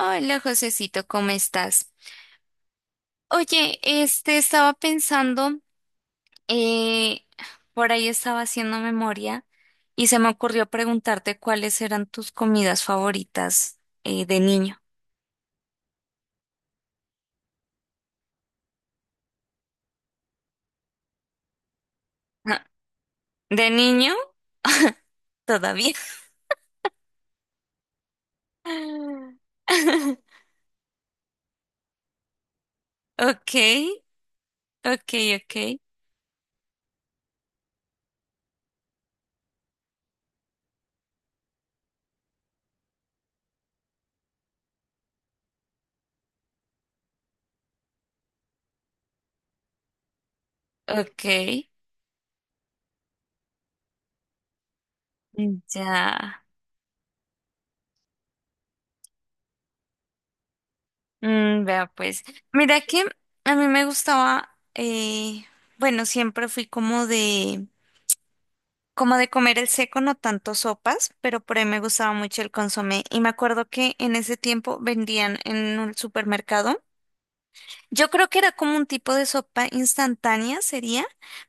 Hola, Josecito, ¿cómo estás? Oye, estaba pensando, eh, por ahí estaba haciendo memoria y se me ocurrió preguntarte cuáles eran tus comidas favoritas de niño. Ah, ¿de niño? Todavía. Ok, ok, ok, ok. Mm. Ya. Mm, vea pues. Mira que a mí me gustaba, bueno, siempre fui como de comer el seco, no tanto sopas, pero por ahí me gustaba mucho el consomé. Y me acuerdo que en ese tiempo vendían en un supermercado. Yo creo que era como un tipo de sopa instantánea, sería,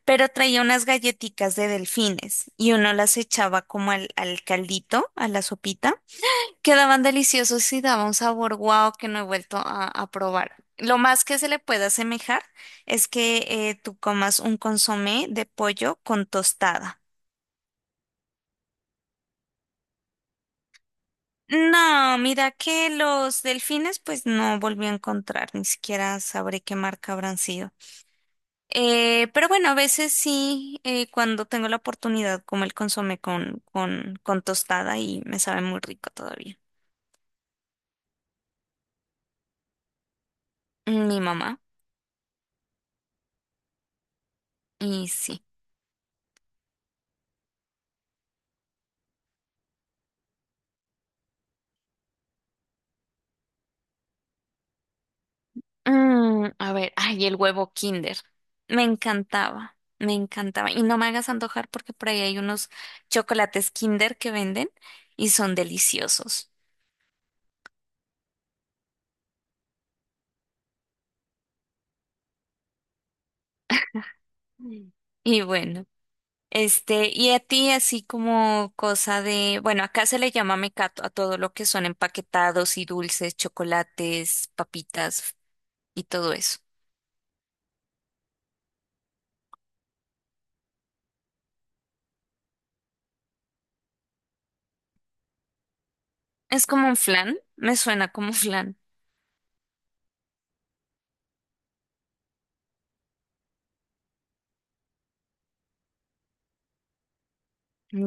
pero traía unas galletitas de delfines y uno las echaba como al caldito, a la sopita. Quedaban deliciosos y daba un sabor guau que no he vuelto a probar. Lo más que se le puede asemejar es que tú comas un consomé de pollo con tostada. No, mira que los delfines pues no volví a encontrar, ni siquiera sabré qué marca habrán sido. Pero bueno, a veces sí, cuando tengo la oportunidad, como el consomé con tostada y me sabe muy rico todavía. Mi mamá, y sí. Mm, a ver, ay, el huevo Kinder. Me encantaba, me encantaba. Y no me hagas antojar porque por ahí hay unos chocolates Kinder que venden y son deliciosos. Mm. Y bueno. Y a ti así como cosa de, bueno, acá se le llama mecato a todo lo que son empaquetados y dulces, chocolates, papitas y todo eso. Es como un flan, me suena como flan.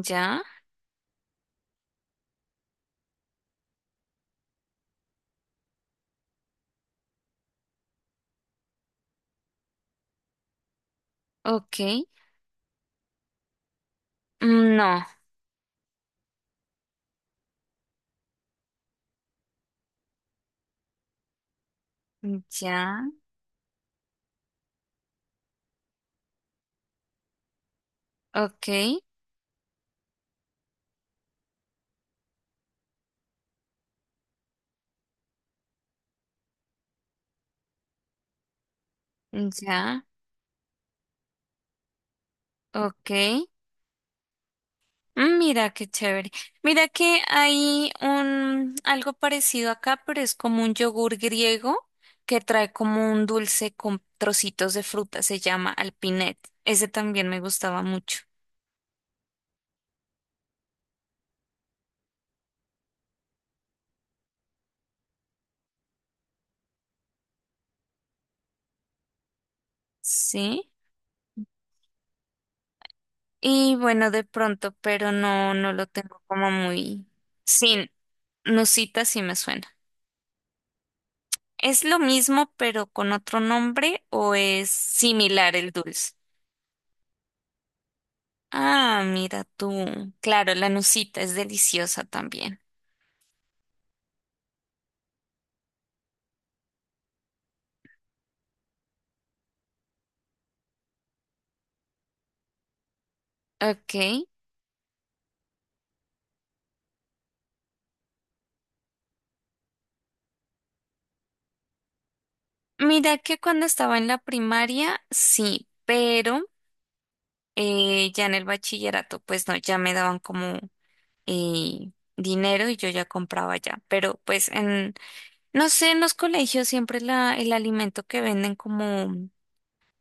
Ya, ok. Mm. No, ya, ok, ya, ok. Mm. Mira qué chévere. Mira que hay un algo parecido acá, pero es como un yogur griego que trae como un dulce con trocitos de fruta, se llama alpinet. Ese también me gustaba mucho. Sí. Y bueno, de pronto, pero no lo tengo como muy sin. Nusita sí me suena. ¿Es lo mismo pero con otro nombre o es similar el dulce? Ah, mira tú. Claro, la nusita es deliciosa también. Ok. Mira que cuando estaba en la primaria, sí, pero ya en el bachillerato, pues no, ya me daban como dinero y yo ya compraba ya. Pero pues en, no sé, en los colegios siempre el alimento que venden como,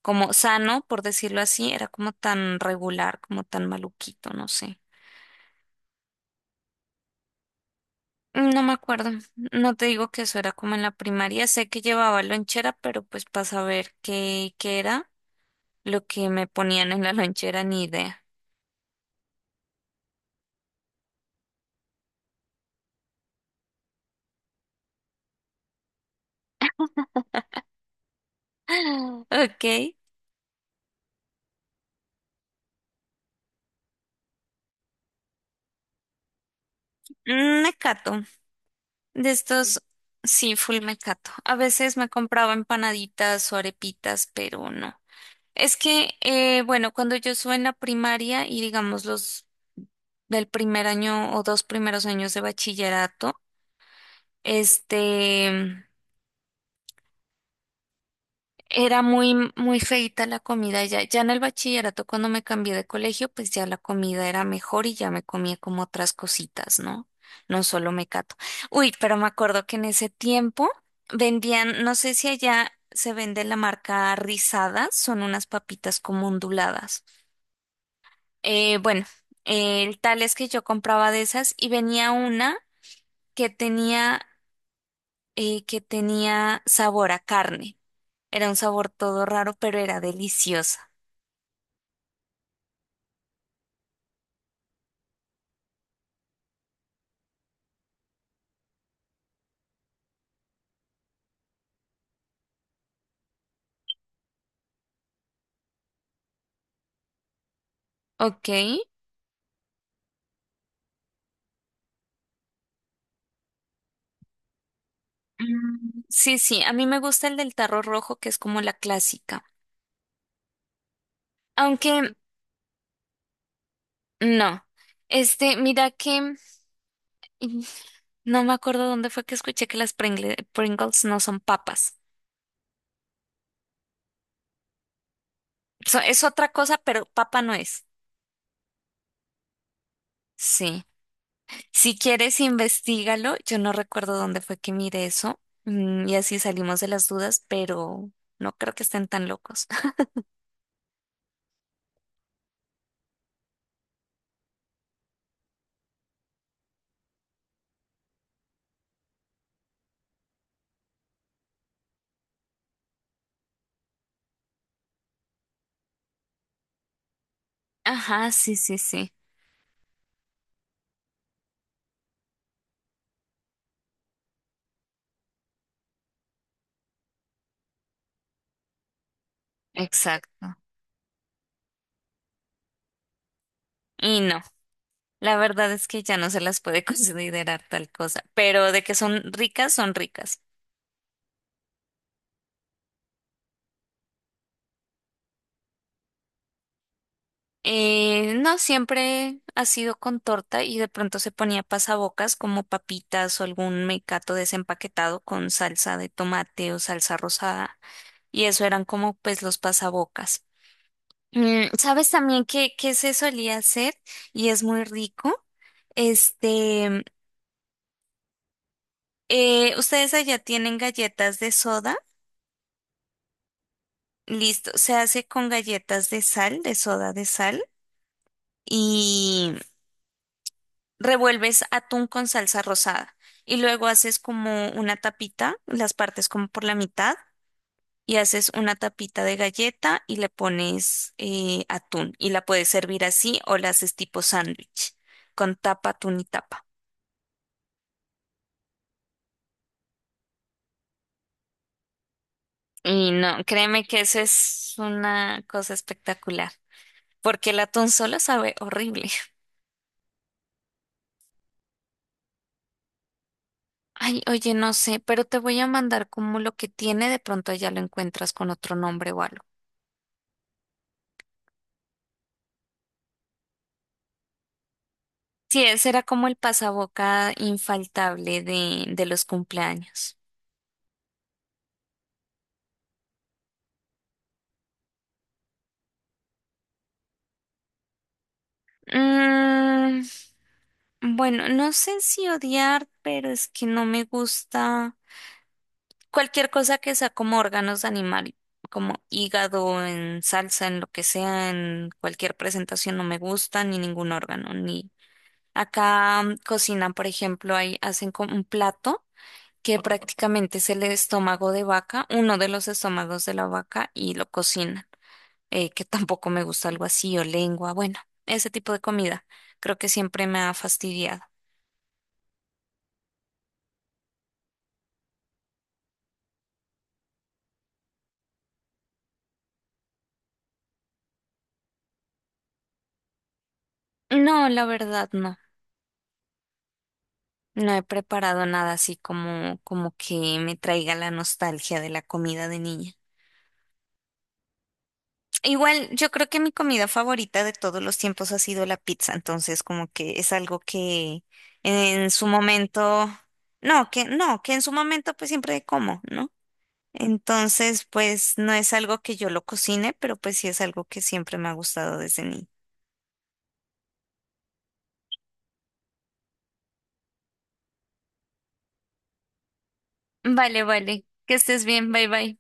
como sano, por decirlo así, era como tan regular, como tan maluquito, no sé. No me acuerdo. No te digo que eso era como en la primaria. Sé que llevaba lonchera, pero pues para saber qué era. Lo que me ponían en la lonchera, ni idea. Ok. Mm. Mecato. De estos, sí, full mecato. A veces me compraba empanaditas o arepitas, pero no. Es que, bueno, cuando yo estuve en la primaria y digamos los del primer año o dos primeros años de bachillerato, este. Era muy feita la comida ya. Ya en el bachillerato, cuando me cambié de colegio, pues ya la comida era mejor y ya me comía como otras cositas, ¿no? No solo mecato. Uy, pero me acuerdo que en ese tiempo vendían, no sé si allá se vende la marca Rizadas, son unas papitas como onduladas. Eh, bueno, el tal es que yo compraba de esas y venía una que tenía, que tenía sabor a carne. Era un sabor todo raro, pero era deliciosa. Ok. Mm. Sí, sí, a mí me gusta el del tarro rojo, que es como la clásica. Aunque no. Mira que mm, no me acuerdo dónde fue que escuché que las Pringles no son papas. Es otra cosa, pero papa no es. Sí. Si quieres, investigalo. Yo no recuerdo dónde fue que miré eso. Mm. Y así salimos de las dudas, pero no creo que estén tan locos. Ajá, sí, sí, sí. Exacto. Y no. La verdad es que ya no se las puede considerar tal cosa, pero de que son ricas, son ricas. No, siempre ha sido con torta y de pronto se ponía pasabocas como papitas o algún mecato desempaquetado con salsa de tomate o salsa rosada y eso eran como pues los pasabocas. Mm, ¿sabes también qué se solía hacer y es muy rico? Este, ¿Ustedes allá tienen galletas de soda? Listo, se hace con galletas de sal, de soda de sal, y revuelves atún con salsa rosada. Y luego haces como una tapita, las partes como por la mitad, y haces una tapita de galleta y le pones atún. Y la puedes servir así o la haces tipo sándwich, con tapa, atún y tapa. Y no, créeme que eso es una cosa espectacular, porque el atún solo sabe horrible. Ay, oye, no sé, pero te voy a mandar como lo que tiene, de pronto ya lo encuentras con otro nombre o algo. Sí, ese era como el pasaboca infaltable de los cumpleaños. Mm, bueno, no sé si odiar, pero es que no me gusta cualquier cosa que sea como órganos de animal, como hígado, en salsa, en lo que sea, en cualquier presentación no me gusta, ni ningún órgano, ni acá mm, cocinan, por ejemplo, ahí hacen como un plato, que prácticamente es el estómago de vaca, uno de los estómagos de la vaca y lo cocinan, que tampoco me gusta algo así o lengua, bueno, ese tipo de comida creo que siempre me ha fastidiado. No, la verdad no, no he preparado nada así como, como que me traiga la nostalgia de la comida de niña. Igual, yo creo que mi comida favorita de todos los tiempos ha sido la pizza, entonces como que es algo que en su momento, no, que no, que en su momento pues siempre como, ¿no? Entonces, pues no es algo que yo lo cocine, pero pues sí es algo que siempre me ha gustado desde niña. Vale, vale. Que estés bien. Bye, bye.